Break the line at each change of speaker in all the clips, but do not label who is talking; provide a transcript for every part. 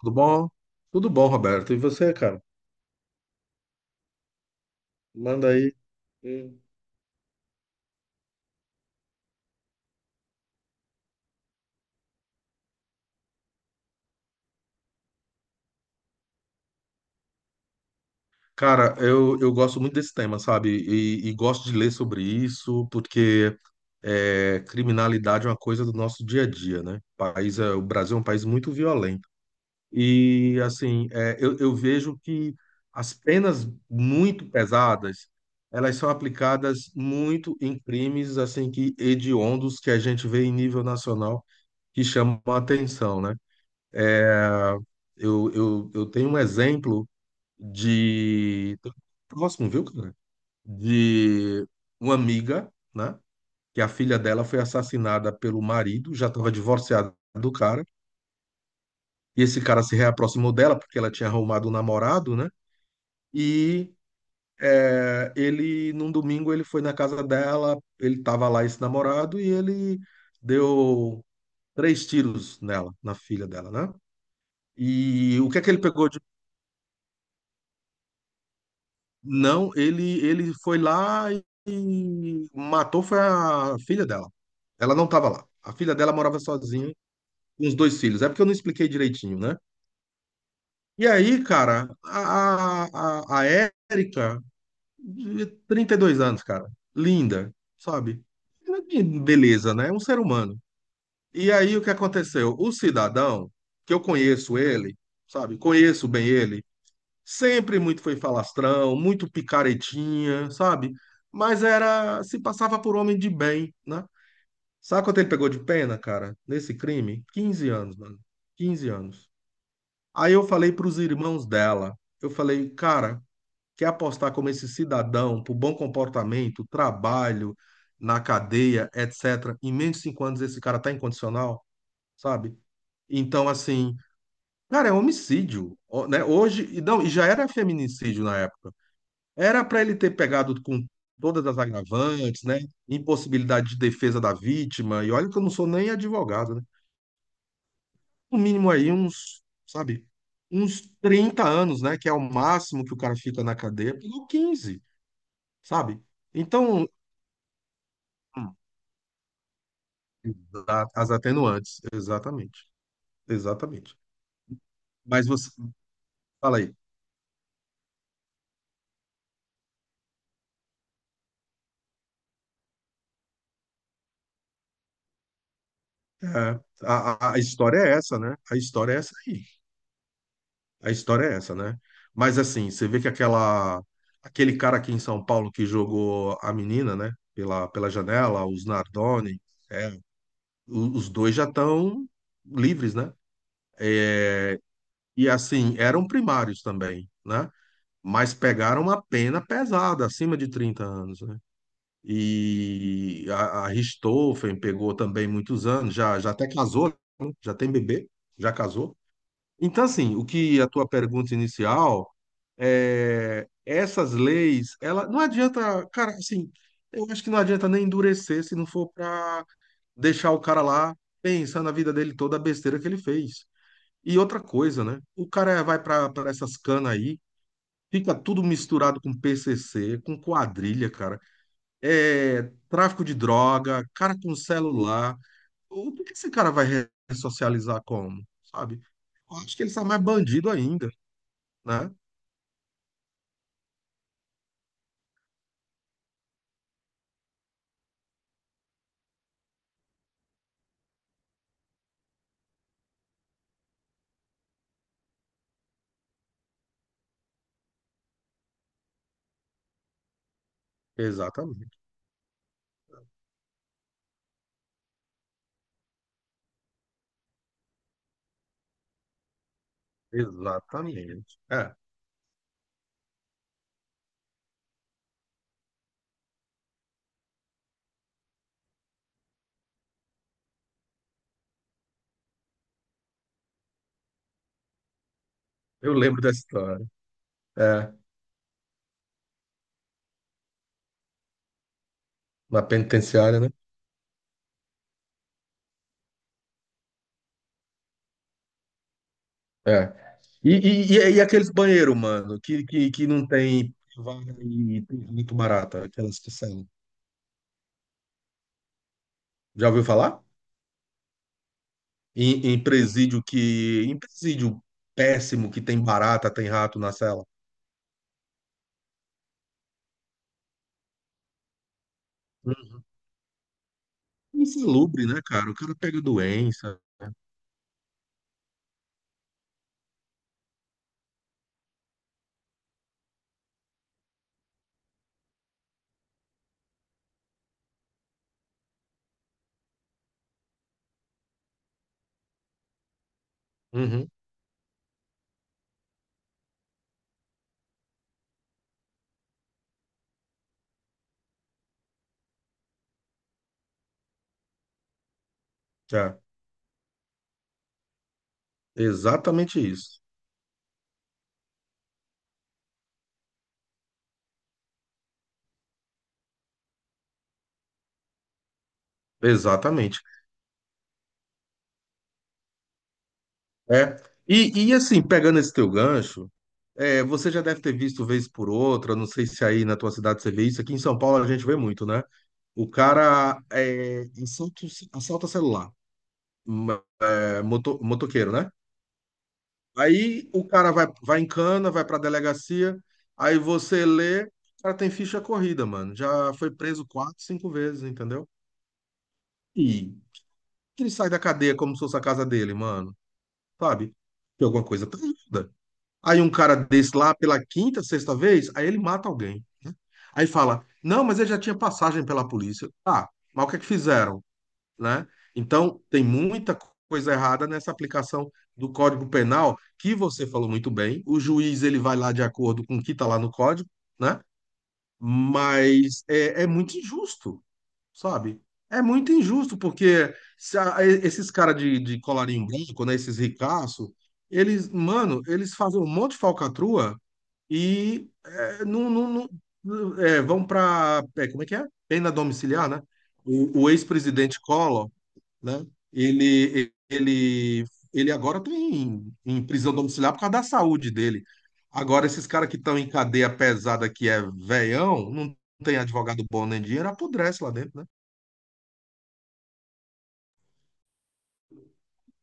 Tudo bom? Tudo bom, Roberto. E você, cara? Manda aí. Hum. Cara, eu gosto muito desse tema, sabe? E gosto de ler sobre isso, porque criminalidade é uma coisa do nosso dia a dia, né? O Brasil é um país muito violento. E, assim, eu vejo que as penas muito pesadas, elas são aplicadas muito em crimes, assim, que hediondos que a gente vê em nível nacional, que chamam a atenção, né? É, eu tenho um exemplo de. próximo, viu, cara? De uma amiga, né? Que a filha dela foi assassinada pelo marido, já estava divorciada do cara. E esse cara se reaproximou dela porque ela tinha arrumado um namorado, né? E ele, num domingo, ele foi na casa dela, ele estava lá, esse namorado, e ele deu três tiros nela, na filha dela, né? E o que é que ele pegou? Não, ele foi lá e matou foi a filha dela. Ela não estava lá. A filha dela morava sozinha com os dois filhos. É porque eu não expliquei direitinho, né? E aí, cara, a Érica, de 32 anos, cara, linda, sabe? Beleza, né? É um ser humano. E aí, o que aconteceu? O cidadão, que eu conheço ele, sabe? Conheço bem ele, sempre muito foi falastrão, muito picaretinha, sabe? Mas era, se passava por homem de bem, né? Sabe quanto ele pegou de pena, cara, nesse crime? 15 anos, mano. 15 anos. Aí eu falei pros irmãos dela, eu falei, cara, quer apostar como esse cidadão pro bom comportamento, trabalho, na cadeia, etc.? Em menos de 5 anos esse cara tá incondicional, sabe? Então, assim, cara, é homicídio, ó, né? Hoje, e não, e já era feminicídio na época. Era para ele ter pegado com todas as agravantes, né? Impossibilidade de defesa da vítima. E olha que eu não sou nem advogado, né? No mínimo aí uns, sabe, uns 30 anos, né? Que é o máximo que o cara fica na cadeia. Pegou 15, sabe? Então, hum, as atenuantes, exatamente. Exatamente. Mas você, fala aí. É, a história é essa, né? A história é essa aí. A história é essa, né? Mas assim, você vê que aquela aquele cara aqui em São Paulo que jogou a menina, né? Pela janela, os Nardoni, é, os dois já estão livres, né? E assim, eram primários também, né? Mas pegaram uma pena pesada, acima de 30 anos, né? E a Richthofen pegou também muitos anos, já, já até casou, né? Já tem bebê, já casou. Então, assim, o que a tua pergunta inicial. É, essas leis, ela não adianta, cara, assim, eu acho que não adianta nem endurecer se não for para deixar o cara lá pensando na vida dele toda a besteira que ele fez. E outra coisa, né? O cara vai para essas canas aí, fica tudo misturado com PCC, com quadrilha, cara. É, tráfico de droga, cara com celular. O que que esse cara vai ressocializar como, sabe? Eu acho que ele está mais bandido ainda, né? Exatamente, exatamente. É. Eu lembro dessa história. É, na penitenciária, né? É. E aqueles banheiros, mano, que não tem vaga e tem muito barata, aquelas que saem. Já ouviu falar? Em presídio que. Em presídio péssimo que tem barata, tem rato na cela. Uhum. Insalubre, né, cara? O cara pega doença. Né? Uhum. É. Exatamente isso. Exatamente. É. E assim, pegando esse teu gancho. É, você já deve ter visto vez por outra, não sei se aí na tua cidade você vê isso. Aqui em São Paulo a gente vê muito, né? O cara é, assalta, assalta celular, m- é, moto, motoqueiro, né? Aí o cara vai em cana, vai pra delegacia, aí você lê, o cara tem ficha corrida, mano. Já foi preso quatro, cinco vezes, entendeu? E ele sai da cadeia como se fosse a casa dele, mano. Sabe? Tem alguma coisa tá errada. Aí um cara desse lá, pela quinta, sexta vez, aí ele mata alguém. Né? Aí fala, não, mas ele já tinha passagem pela polícia. Ah, mas o que é que fizeram, né? Então, tem muita coisa errada nessa aplicação do Código Penal, que você falou muito bem. O juiz, ele vai lá de acordo com o que está lá no código, né? Mas é, é muito injusto, sabe? É muito injusto, porque se a- esses caras de colarinho branco, né? Esses ricaços, eles, mano, eles fazem um monte de falcatrua e é, não, não- vão para, como é que é? Pena domiciliar, né? O ex-presidente Collor, né? Ele, ele, ele agora está em prisão domiciliar por causa da saúde dele. Agora, esses caras que estão em cadeia pesada, que é veião, não tem advogado bom nem dinheiro, apodrece lá dentro, né?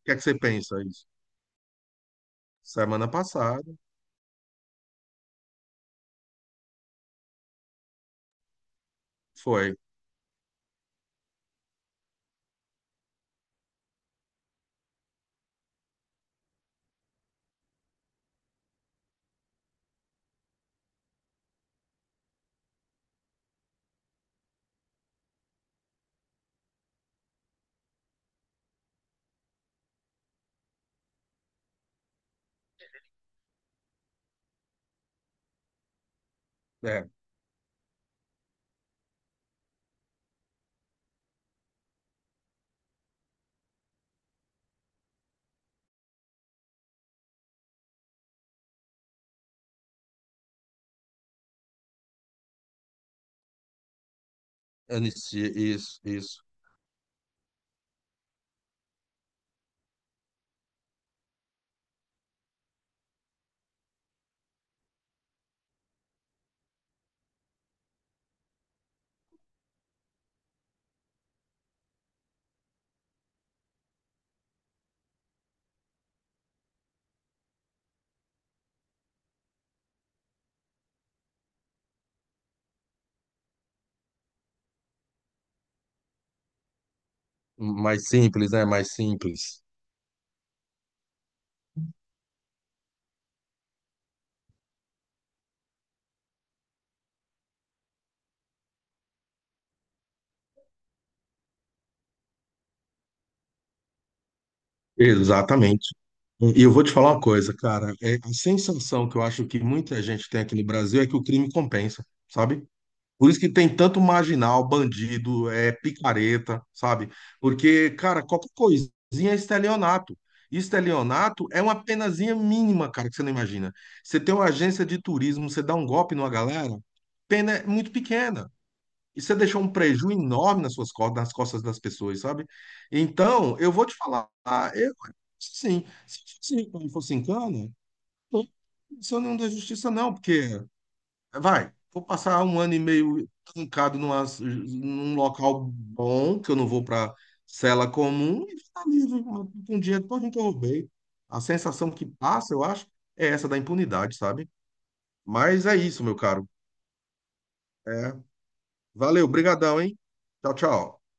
O que é que você pensa isso? Semana passada foi, é, anistia, isso, isso. Mais simples, né? Mais simples. Exatamente. E eu vou te falar uma coisa, cara. É, a sensação que eu acho que muita gente tem aqui no Brasil é que o crime compensa, sabe? Por isso que tem tanto marginal, bandido, é picareta, sabe? Porque, cara, qualquer coisinha é estelionato. Estelionato é uma penazinha mínima, cara, que você não imagina. Você tem uma agência de turismo, você dá um golpe numa galera, pena é muito pequena. E você deixou um prejuízo enorme nas suas costas, nas costas das pessoas, sabe? Então, eu vou te falar, ah, eu, sim, se eu fosse em cana, não sou nenhum da justiça, não, porque, vai, vou passar um ano e meio trancado numa, num local bom, que eu não vou para cela comum, e ficar livre com o dinheiro todo que eu roubei. A sensação que passa, eu acho, é essa da impunidade, sabe? Mas é isso, meu caro. É, valeu, brigadão, hein? Tchau, tchau.